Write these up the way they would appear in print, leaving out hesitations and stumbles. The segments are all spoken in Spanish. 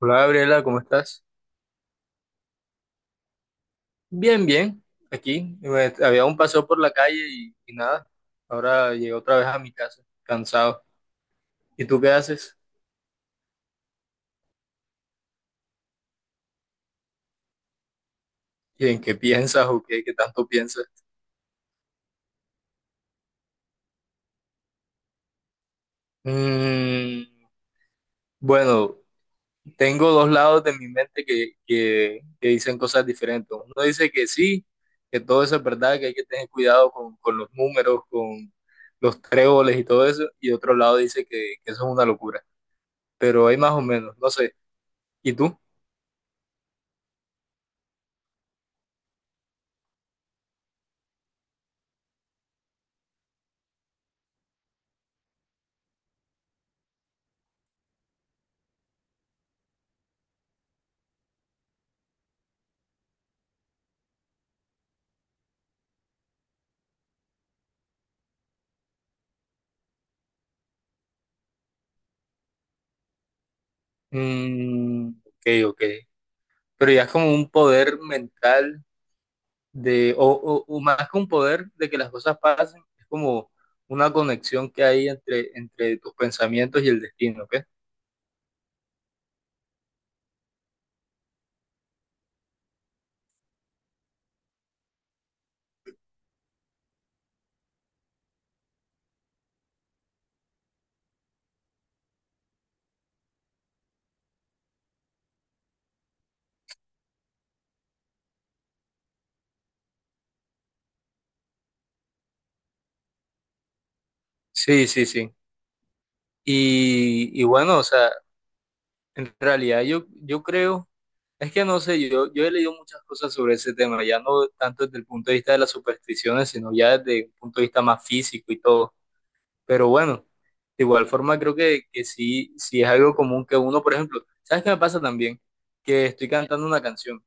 Hola Gabriela, ¿cómo estás? Bien, bien. Aquí había un paseo por la calle y nada. Ahora llegué otra vez a mi casa, cansado. ¿Y tú qué haces? ¿Y en qué piensas o qué, qué tanto piensas? Mm, bueno, tengo dos lados de mi mente que dicen cosas diferentes. Uno dice que sí, que todo eso es verdad, que hay que tener cuidado con los números, con los tréboles y todo eso. Y otro lado dice que eso es una locura. Pero hay más o menos, no sé. ¿Y tú? Mm, ok, ok. Pero ya es como un poder mental o más que un poder de que las cosas pasen, es como una conexión que hay entre tus pensamientos y el destino, ¿ok? Sí, sí, sí. Y bueno, o sea, en realidad yo creo, es que no sé, yo he leído muchas cosas sobre ese tema, ya no tanto desde el punto de vista de las supersticiones, sino ya desde un punto de vista más físico y todo. Pero bueno, de igual forma creo que sí, sí es algo común que uno, por ejemplo, ¿sabes qué me pasa también? Que estoy cantando una canción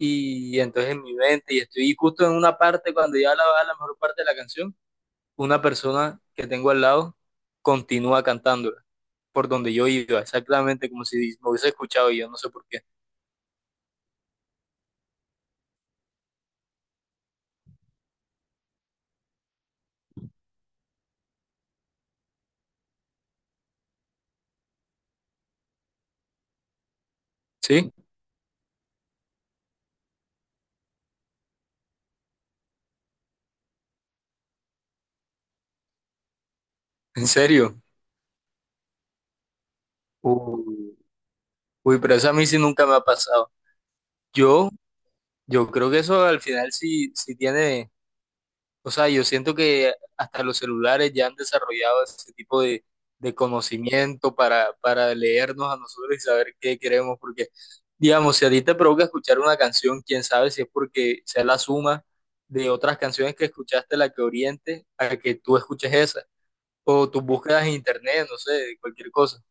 y entonces en mi mente y estoy justo en una parte, cuando ya la va la mejor parte de la canción, una persona que tengo al lado continúa cantándola por donde yo iba, exactamente como si me hubiese escuchado y yo no sé por qué. ¿Sí? ¿En serio? Uy, uy, pero eso a mí sí nunca me ha pasado. Yo, yo creo que eso al final sí, sí tiene. O sea, yo siento que hasta los celulares ya han desarrollado ese tipo de conocimiento para leernos a nosotros y saber qué queremos, porque, digamos, si a ti te provoca escuchar una canción, quién sabe si es porque sea la suma de otras canciones que escuchaste la que oriente a que tú escuches esa, o tus búsquedas en internet, no sé, cualquier cosa.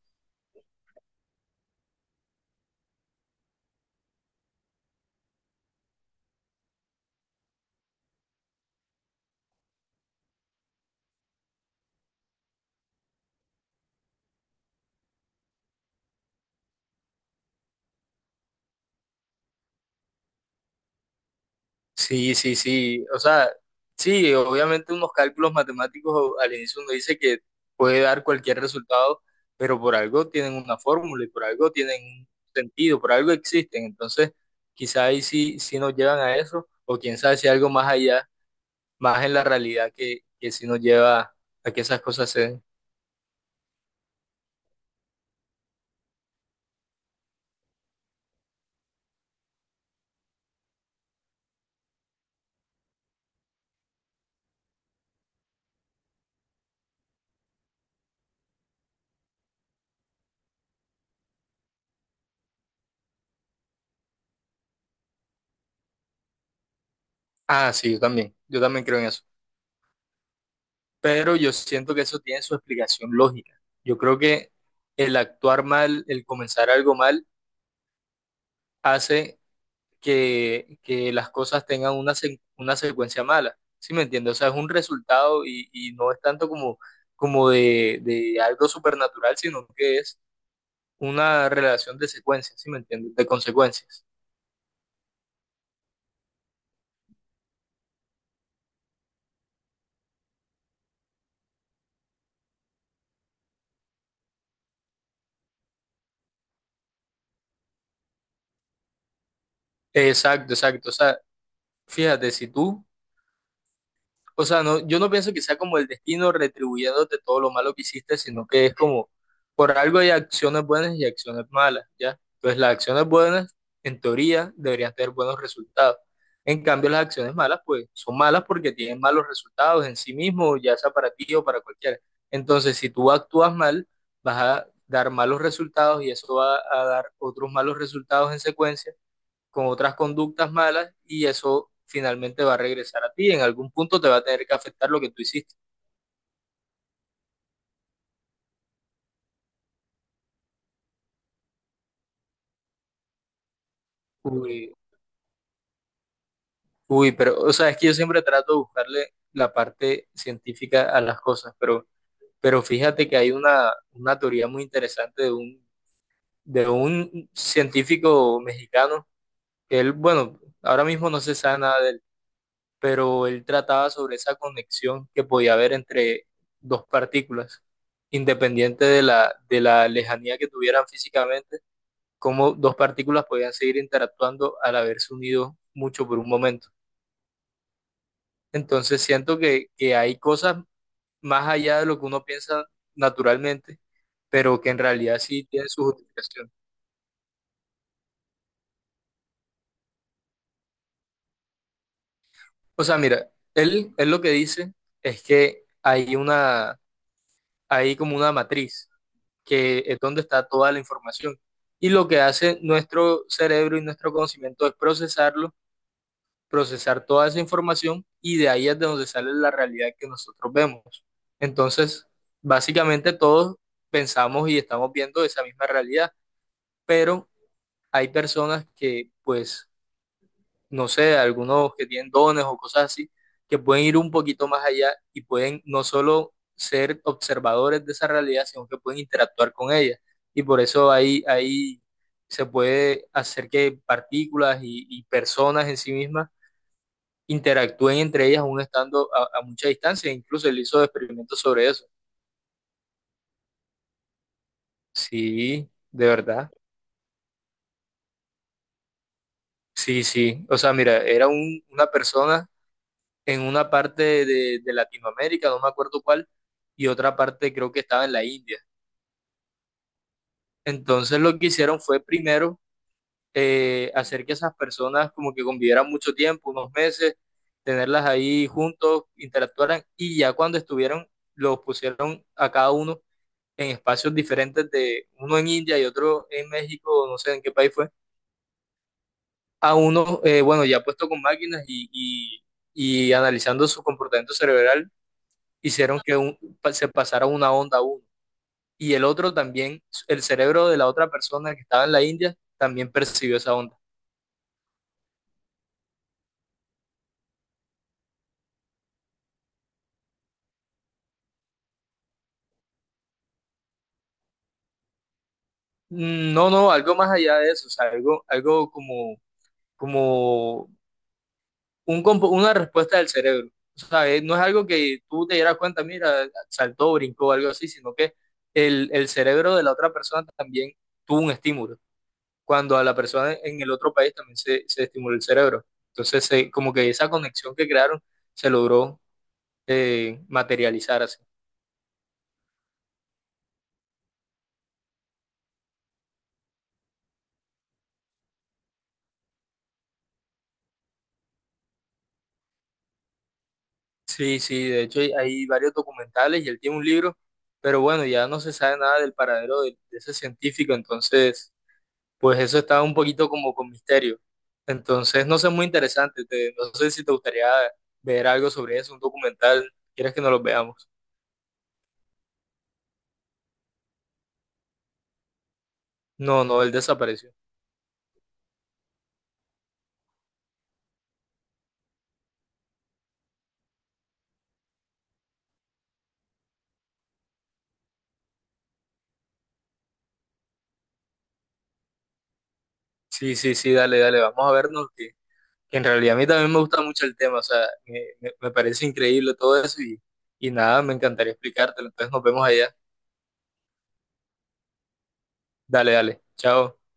Sí, sí, sí. O sea, sí, obviamente unos cálculos matemáticos al inicio uno dice que puede dar cualquier resultado, pero por algo tienen una fórmula y por algo tienen un sentido, por algo existen. Entonces, quizá ahí sí, sí nos llevan a eso, o quién sabe si algo más allá, más en la realidad que sí nos lleva a que esas cosas se den. Ah, sí, yo también creo en eso. Pero yo siento que eso tiene su explicación lógica. Yo creo que el actuar mal, el comenzar algo mal, hace que las cosas tengan una, una secuencia mala. ¿Sí me entiendes? O sea, es un resultado y no es tanto como, como de algo supernatural, sino que es una relación de secuencias, ¿sí me entiendes? De consecuencias. Exacto, exacto. O sea, fíjate, si tú. O sea, no, yo no pienso que sea como el destino retribuyéndote todo lo malo que hiciste, sino que es como, por algo hay acciones buenas y acciones malas, ¿ya? Entonces las acciones buenas, en teoría, deberían tener buenos resultados. En cambio, las acciones malas, pues, son malas porque tienen malos resultados en sí mismo, ya sea para ti o para cualquiera. Entonces, si tú actúas mal, vas a dar malos resultados y eso va a dar otros malos resultados en secuencia con otras conductas malas y eso finalmente va a regresar a ti. En algún punto te va a tener que afectar lo que tú hiciste. Uy, uy, pero, o sea, es que yo siempre trato de buscarle la parte científica a las cosas, pero fíjate que hay una teoría muy interesante de un científico mexicano, que él, bueno, ahora mismo no se sabe nada de él, pero él trataba sobre esa conexión que podía haber entre dos partículas, independiente de la lejanía que tuvieran físicamente cómo dos partículas podían seguir interactuando al haberse unido mucho por un momento. Entonces siento que hay cosas más allá de lo que uno piensa naturalmente, pero que en realidad sí tienen su justificación. O sea, mira, él lo que dice es que hay una, hay como una matriz, que es donde está toda la información. Y lo que hace nuestro cerebro y nuestro conocimiento es procesarlo, procesar toda esa información y de ahí es de donde sale la realidad que nosotros vemos. Entonces, básicamente todos pensamos y estamos viendo esa misma realidad, pero hay personas que, pues, no sé, algunos que tienen dones o cosas así, que pueden ir un poquito más allá y pueden no solo ser observadores de esa realidad, sino que pueden interactuar con ella. Y por eso ahí, ahí se puede hacer que partículas y personas en sí mismas interactúen entre ellas aún estando a mucha distancia. Incluso él hizo experimentos sobre eso. Sí, de verdad. Sí, sí. O sea, mira, era una persona en una parte de Latinoamérica, no me acuerdo cuál, y otra parte creo que estaba en la India. Entonces lo que hicieron fue primero hacer que esas personas como que convivieran mucho tiempo, unos meses, tenerlas ahí juntos, interactuaran, y ya cuando estuvieron, los pusieron a cada uno en espacios diferentes de uno en India y otro en México, no sé en qué país fue, a uno, bueno, ya puesto con máquinas y analizando su comportamiento cerebral, hicieron que se pasara una onda a uno. Y el otro también, el cerebro de la otra persona que estaba en la India, también percibió esa onda. No, no, algo más allá de eso, o sea, algo, algo como, como una respuesta del cerebro. O sea, no es algo que tú te dieras cuenta, mira, saltó, brincó, algo así, sino que el cerebro de la otra persona también tuvo un estímulo. Cuando a la persona en el otro país también se estimuló el cerebro. Entonces, como que esa conexión que crearon se logró materializar así. Sí, sí, de hecho hay, hay varios documentales y él tiene un libro, pero bueno, ya no se sabe nada del paradero de ese científico, entonces... Pues eso está un poquito como con misterio. Entonces, no sé, muy interesante. No sé si te gustaría ver algo sobre eso, un documental. ¿Quieres que nos lo veamos? No, no, él desapareció. Sí, sí, sí, dale, dale, vamos a vernos. Que en realidad a mí también me gusta mucho el tema. O sea, me parece increíble todo eso y nada, me encantaría explicártelo. Entonces, nos vemos allá. Dale, dale. Chao.